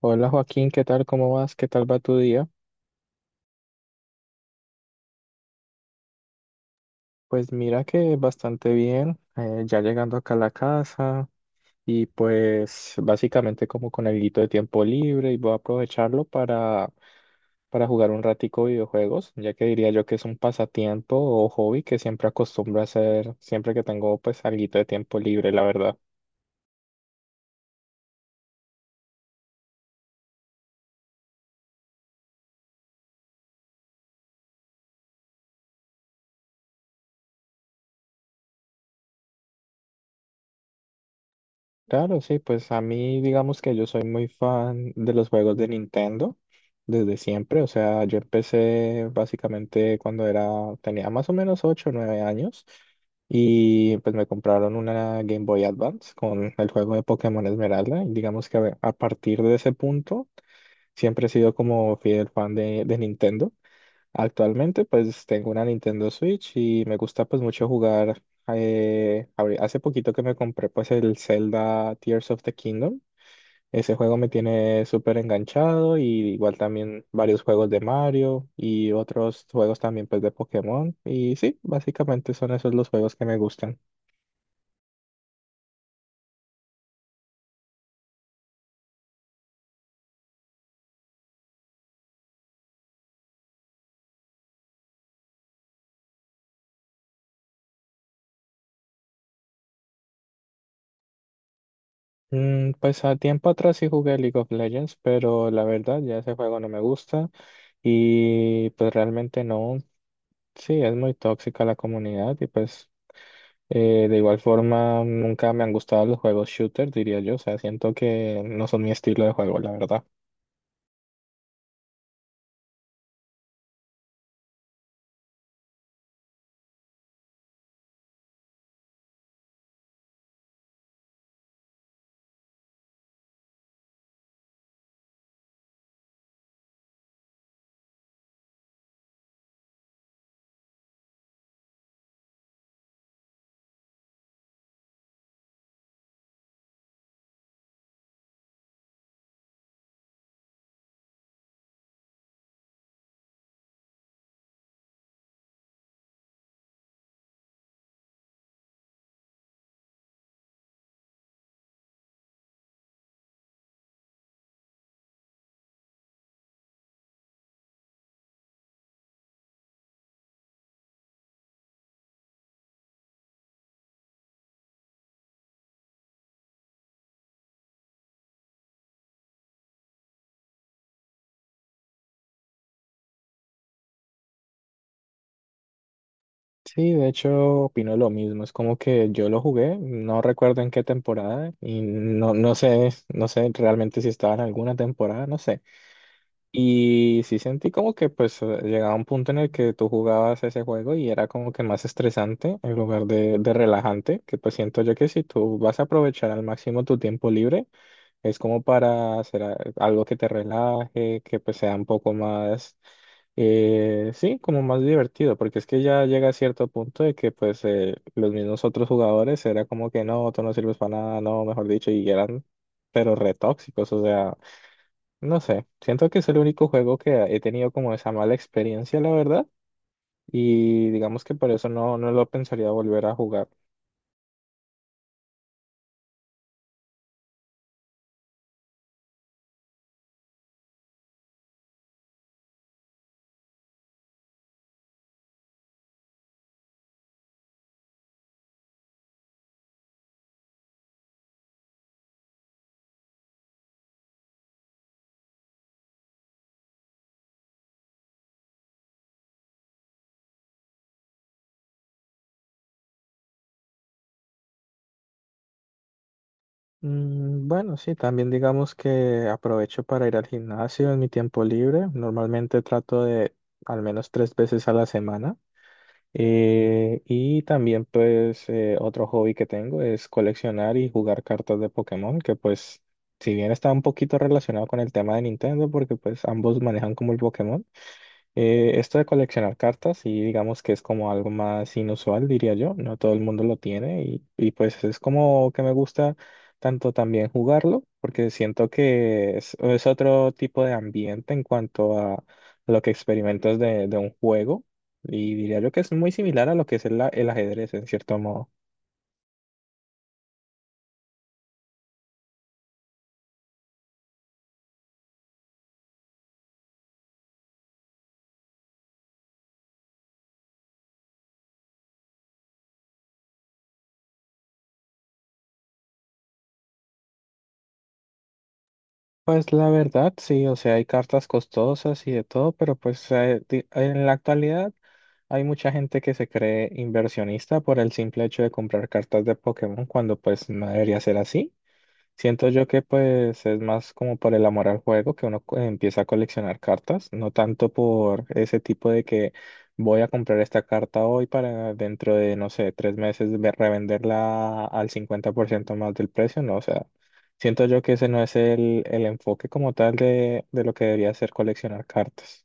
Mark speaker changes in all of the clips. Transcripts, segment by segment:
Speaker 1: Hola Joaquín, ¿qué tal? ¿Cómo vas? ¿Qué tal va tu día? Pues mira que bastante bien, ya llegando acá a la casa y pues básicamente como con alguito de tiempo libre y voy a aprovecharlo para jugar un ratico videojuegos, ya que diría yo que es un pasatiempo o hobby que siempre acostumbro a hacer siempre que tengo pues alguito de tiempo libre, la verdad. Claro, sí, pues a mí digamos que yo soy muy fan de los juegos de Nintendo desde siempre, o sea, yo empecé básicamente cuando tenía más o menos 8 o 9 años y pues me compraron una Game Boy Advance con el juego de Pokémon Esmeralda y digamos que a partir de ese punto siempre he sido como fiel fan de Nintendo. Actualmente pues tengo una Nintendo Switch y me gusta pues mucho jugar. Hace poquito que me compré pues el Zelda Tears of the Kingdom. Ese juego me tiene súper enganchado y igual también varios juegos de Mario y otros juegos también pues de Pokémon. Y sí, básicamente son esos los juegos que me gustan. Pues a tiempo atrás sí jugué League of Legends, pero la verdad ya ese juego no me gusta y pues realmente no. Sí, es muy tóxica la comunidad y pues de igual forma, nunca me han gustado los juegos shooter, diría yo. O sea, siento que no son mi estilo de juego, la verdad. Sí, de hecho, opino lo mismo. Es como que yo lo jugué, no recuerdo en qué temporada y no, no sé, no sé realmente si estaba en alguna temporada, no sé. Y sí sentí como que pues llegaba un punto en el que tú jugabas ese juego y era como que más estresante en lugar de relajante, que pues siento yo que si tú vas a aprovechar al máximo tu tiempo libre, es como para hacer algo que te relaje, que pues sea un poco más, sí, como más divertido, porque es que ya llega a cierto punto de que pues los mismos otros jugadores era como que no, tú no sirves para nada, no, mejor dicho, y eran pero re tóxicos, o sea, no sé, siento que es el único juego que he tenido como esa mala experiencia, la verdad, y digamos que por eso no, no lo pensaría volver a jugar. Bueno, sí, también digamos que aprovecho para ir al gimnasio en mi tiempo libre. Normalmente trato de al menos tres veces a la semana. Y también pues otro hobby que tengo es coleccionar y jugar cartas de Pokémon, que pues si bien está un poquito relacionado con el tema de Nintendo, porque pues ambos manejan como el Pokémon, esto de coleccionar cartas, y digamos que es como algo más inusual, diría yo, no todo el mundo lo tiene y pues es como que me gusta tanto también jugarlo, porque siento que es otro tipo de ambiente en cuanto a lo que experimentas de un juego y diría yo que es muy similar a lo que es el ajedrez en cierto modo. Pues la verdad, sí, o sea, hay cartas costosas y de todo, pero pues en la actualidad hay mucha gente que se cree inversionista por el simple hecho de comprar cartas de Pokémon cuando pues no debería ser así. Siento yo que pues es más como por el amor al juego que uno empieza a coleccionar cartas, no tanto por ese tipo de que voy a comprar esta carta hoy para dentro de, no sé, tres meses revenderla al 50% más del precio, no, o sea, siento yo que ese no es el enfoque como tal de lo que debería ser coleccionar cartas.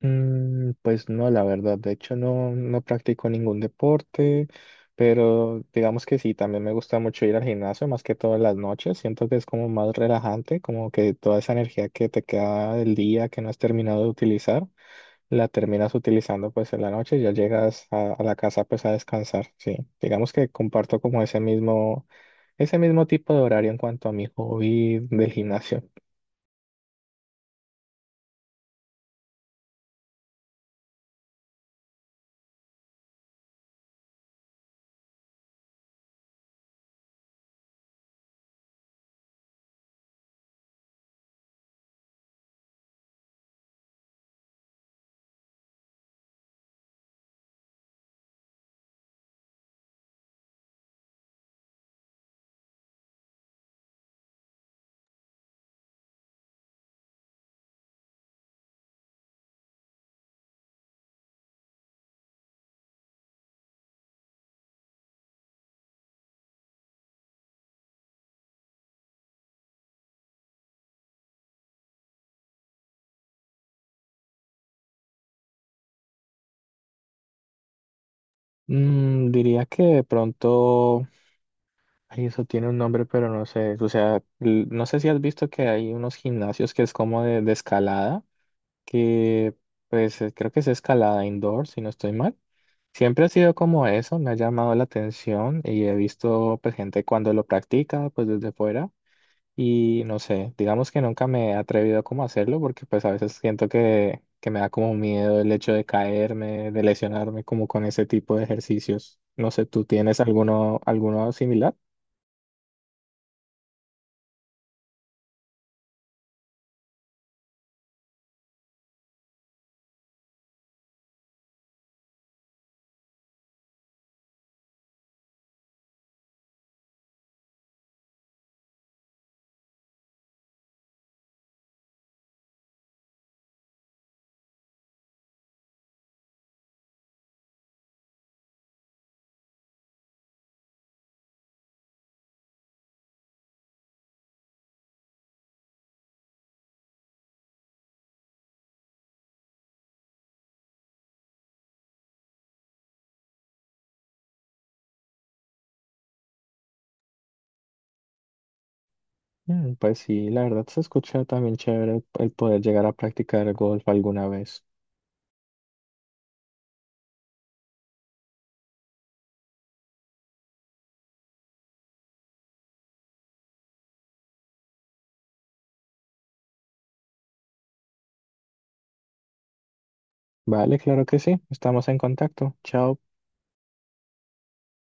Speaker 1: Pues no, la verdad, de hecho no, no practico ningún deporte, pero digamos que sí, también me gusta mucho ir al gimnasio, más que todas las noches, siento que es como más relajante, como que toda esa energía que te queda del día que no has terminado de utilizar, la terminas utilizando pues en la noche y ya llegas a la casa pues a descansar, sí, digamos que comparto como ese mismo tipo de horario en cuanto a mi hobby del gimnasio. Diría que de pronto... Ay, eso tiene un nombre, pero no sé. O sea, no sé si has visto que hay unos gimnasios que es como de escalada, que pues creo que es escalada indoor, si no estoy mal. Siempre ha sido como eso, me ha llamado la atención y he visto pues, gente cuando lo practica, pues desde fuera. Y no sé, digamos que nunca me he atrevido como a hacerlo porque pues a veces siento que me da como miedo el hecho de caerme, de lesionarme como con ese tipo de ejercicios. No sé, ¿tú tienes alguno, alguno similar? Pues sí, la verdad se escucha también chévere el poder llegar a practicar golf alguna vez. Vale, claro que sí, estamos en contacto. Chao.